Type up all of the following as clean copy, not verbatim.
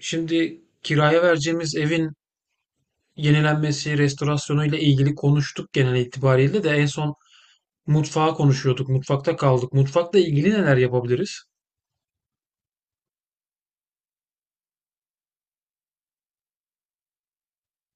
Şimdi kiraya vereceğimiz evin yenilenmesi, restorasyonu ile ilgili konuştuk genel itibariyle de en son mutfağı konuşuyorduk. Mutfakta kaldık. Mutfakla ilgili neler yapabiliriz?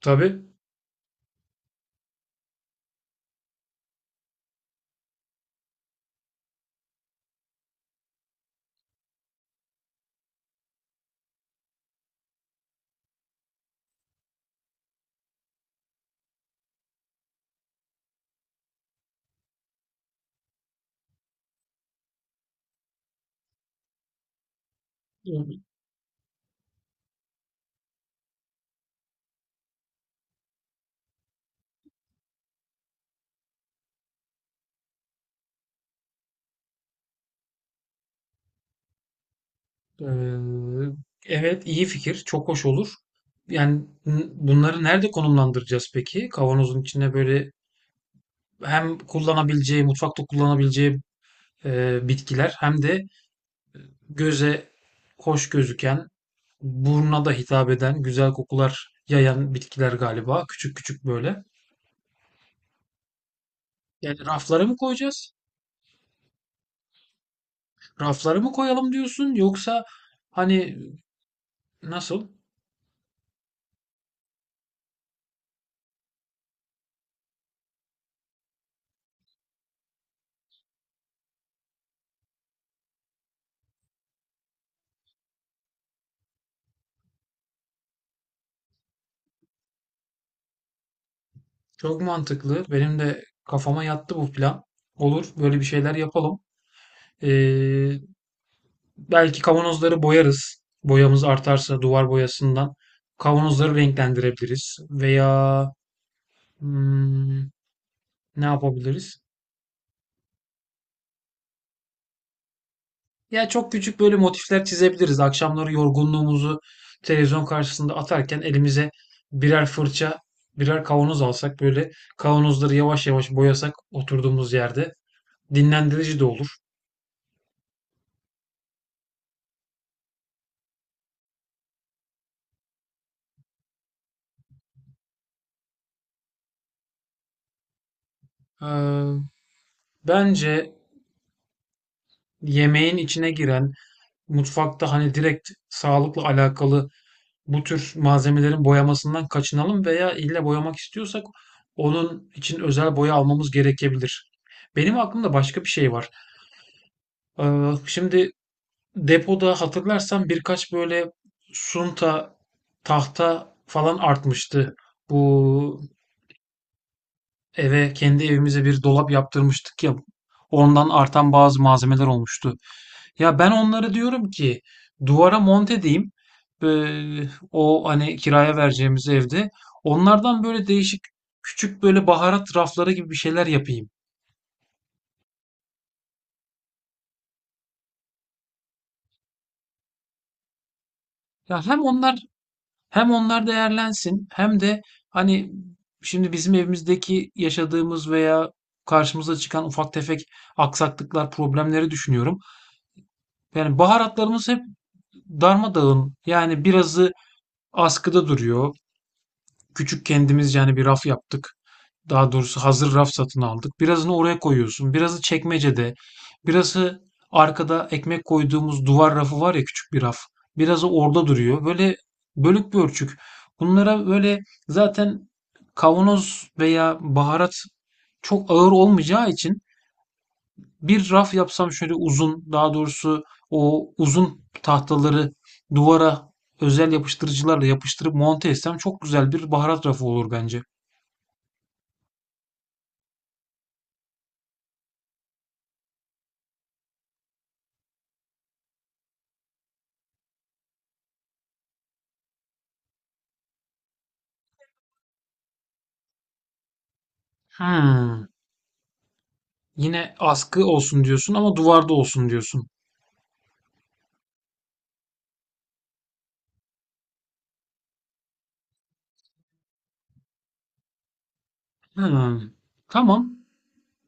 Tabii. Eee, evet, iyi fikir. Çok hoş olur. Yani bunları nerede konumlandıracağız peki? Kavanozun içine böyle hem kullanabileceği, mutfakta kullanabileceği bitkiler, hem de göze hoş gözüken, buruna da hitap eden, güzel kokular yayan bitkiler galiba. Küçük küçük böyle. Yani raflara mı koyacağız? Raflara mı koyalım diyorsun? Yoksa hani nasıl? Çok mantıklı. Benim de kafama yattı bu plan. Olur, böyle bir şeyler yapalım. Ee, Belki kavanozları boyarız. Boyamız artarsa duvar boyasından kavanozları renklendirebiliriz. Veya hmm, ne yapabiliriz? Ya çok küçük böyle motifler çizebiliriz. Akşamları yorgunluğumuzu televizyon karşısında atarken elimize birer fırça, birer kavanoz alsak, böyle kavanozları yavaş yavaş boyasak oturduğumuz yerde, dinlendirici de olur. Ee, Bence yemeğin içine giren, mutfakta hani direkt sağlıkla alakalı bu tür malzemelerin boyamasından kaçınalım; veya illa boyamak istiyorsak onun için özel boya almamız gerekebilir. Benim aklımda başka bir şey var. Şimdi depoda hatırlarsan birkaç böyle sunta, tahta falan artmıştı. Bu eve, kendi evimize bir dolap yaptırmıştık ya. Ondan artan bazı malzemeler olmuştu. Ya ben onları diyorum ki duvara monte edeyim. Ee, O hani kiraya vereceğimiz evde. Onlardan böyle değişik küçük böyle baharat rafları gibi bir şeyler yapayım. Ya hem onlar, hem onlar değerlensin hem de, hani, şimdi bizim evimizdeki yaşadığımız veya karşımıza çıkan ufak tefek aksaklıklar, problemleri düşünüyorum. Yani baharatlarımız hep darmadağın. Yani birazı askıda duruyor. Küçük, kendimizce hani bir raf yaptık. Daha doğrusu hazır raf satın aldık. Birazını oraya koyuyorsun. Birazı çekmecede. Birazı arkada ekmek koyduğumuz duvar rafı var ya, küçük bir raf. Birazı orada duruyor. Böyle bölük pörçük. Bunlara böyle zaten kavanoz veya baharat çok ağır olmayacağı için bir raf yapsam şöyle uzun, daha doğrusu o uzun tahtaları duvara özel yapıştırıcılarla yapıştırıp monte etsem çok güzel bir baharat rafı olur bence. Hmm. Yine askı olsun diyorsun, ama duvarda olsun diyorsun. Hmm. Tamam.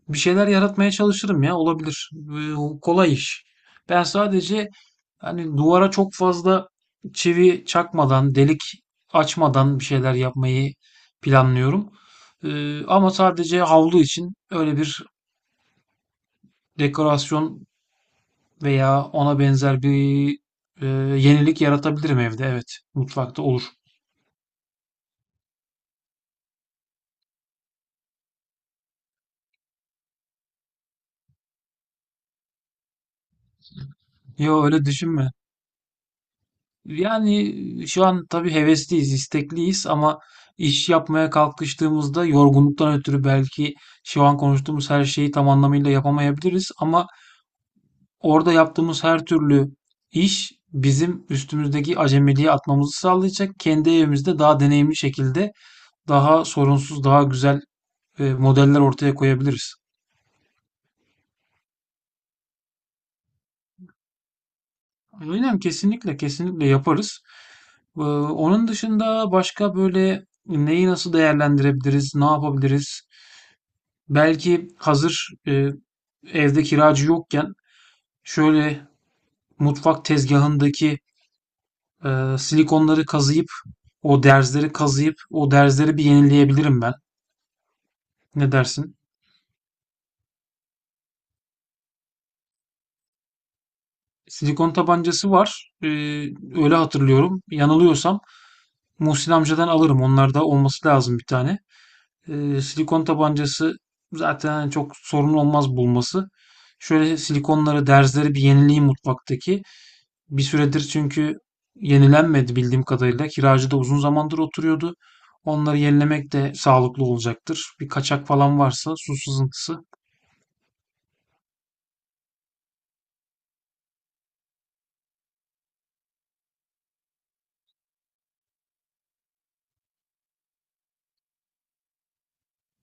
Bir şeyler yaratmaya çalışırım ya, olabilir. Ee, Kolay iş. Ben sadece hani duvara çok fazla çivi çakmadan, delik açmadan bir şeyler yapmayı planlıyorum. Ama sadece havlu için öyle bir dekorasyon veya ona benzer bir e, yenilik yaratabilirim evde. Evet, mutfakta olur. Yo, öyle düşünme. Yani şu an tabii hevesliyiz, istekliyiz, ama iş yapmaya kalkıştığımızda yorgunluktan ötürü belki şu an konuştuğumuz her şeyi tam anlamıyla yapamayabiliriz, ama orada yaptığımız her türlü iş bizim üstümüzdeki acemiliği atmamızı sağlayacak. Kendi evimizde daha deneyimli şekilde, daha sorunsuz, daha güzel modeller ortaya koyabiliriz. Aynen, kesinlikle kesinlikle yaparız. Onun dışında başka böyle neyi nasıl değerlendirebiliriz, ne yapabiliriz? Belki hazır evde kiracı yokken şöyle mutfak tezgahındaki silikonları kazıyıp, o derzleri kazıyıp o derzleri bir yenileyebilirim ben. Ne dersin? Silikon tabancası var. Öyle hatırlıyorum. Yanılıyorsam Muhsin amcadan alırım. Onlarda olması lazım bir tane. Silikon tabancası zaten çok sorun olmaz bulması. Şöyle silikonları, derzleri bir yenileyim mutfaktaki. Bir süredir çünkü yenilenmedi bildiğim kadarıyla. Kiracı da uzun zamandır oturuyordu. Onları yenilemek de sağlıklı olacaktır. Bir kaçak falan varsa, su sızıntısı.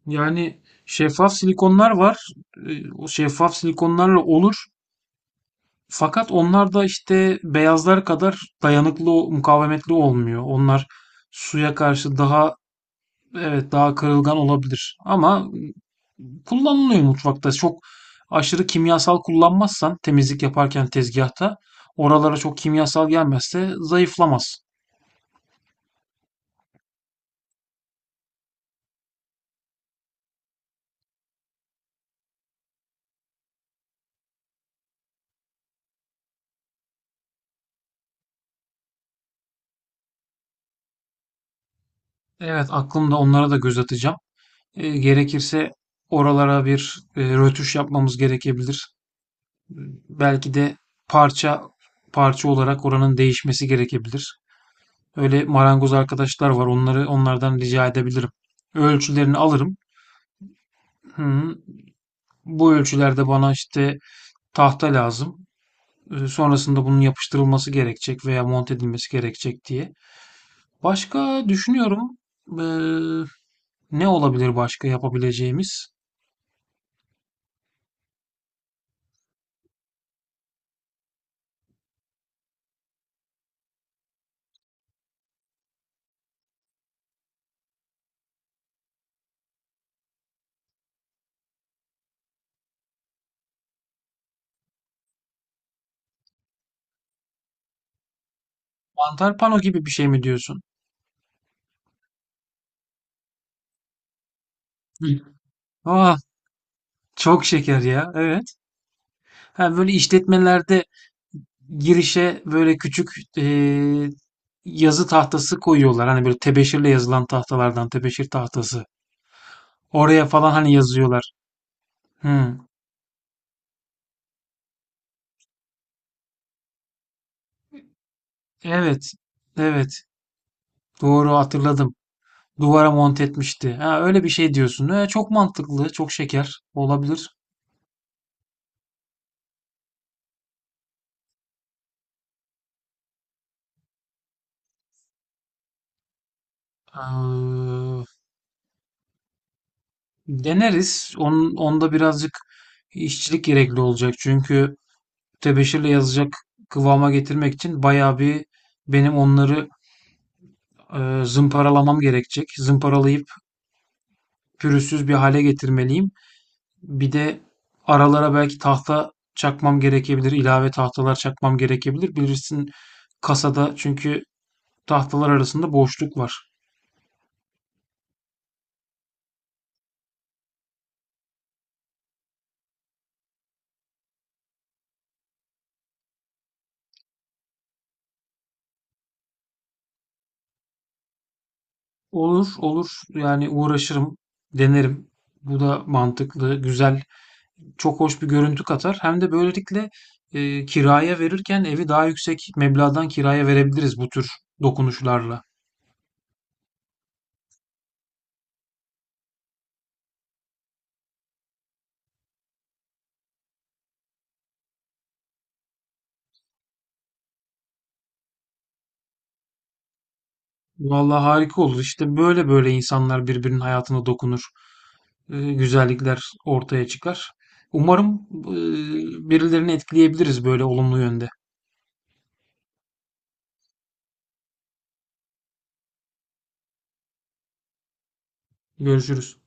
Yani şeffaf silikonlar var. O şeffaf silikonlarla olur. Fakat onlar da işte beyazlar kadar dayanıklı, mukavemetli olmuyor. Onlar suya karşı daha, evet, daha kırılgan olabilir. Ama kullanılıyor mutfakta. Çok aşırı kimyasal kullanmazsan, temizlik yaparken tezgahta oralara çok kimyasal gelmezse zayıflamaz. Evet, aklımda, onlara da göz atacağım. Gerekirse oralara bir, rötuş yapmamız gerekebilir. Belki de parça parça olarak oranın değişmesi gerekebilir. Öyle marangoz arkadaşlar var. Onlardan rica edebilirim. Ölçülerini alırım. Hı, bu ölçülerde bana işte tahta lazım. Sonrasında bunun yapıştırılması gerekecek veya monte edilmesi gerekecek diye. Başka düşünüyorum, eee, ne olabilir başka yapabileceğimiz? Mantar pano gibi bir şey mi diyorsun? Hı. Ah, çok şeker ya. Evet. Ha, böyle işletmelerde girişe böyle küçük eee, yazı tahtası koyuyorlar. Hani böyle tebeşirle yazılan tahtalardan, tebeşir tahtası. Oraya falan hani yazıyorlar. Hı. Evet. Evet. Doğru hatırladım. Duvara monte etmişti. Ha, öyle bir şey diyorsun. Ha, çok mantıklı. Çok şeker. Olabilir. Eee, Deneriz. Onda birazcık işçilik gerekli olacak. Çünkü tebeşirle yazacak kıvama getirmek için bayağı bir, benim onları, zımparalamam gerekecek. Zımparalayıp pürüzsüz bir hale getirmeliyim. Bir de aralara belki tahta çakmam gerekebilir. İlave tahtalar çakmam gerekebilir. Bilirsin, kasada çünkü tahtalar arasında boşluk var. Olur, olur. Yani uğraşırım, denerim. Bu da mantıklı, güzel, çok hoş bir görüntü katar. Hem de böylelikle kiraya verirken evi daha yüksek meblağdan kiraya verebiliriz bu tür dokunuşlarla. Vallahi harika olur. İşte böyle böyle insanlar birbirinin hayatına dokunur. Güzellikler ortaya çıkar. Umarım birilerini etkileyebiliriz böyle olumlu yönde. Görüşürüz.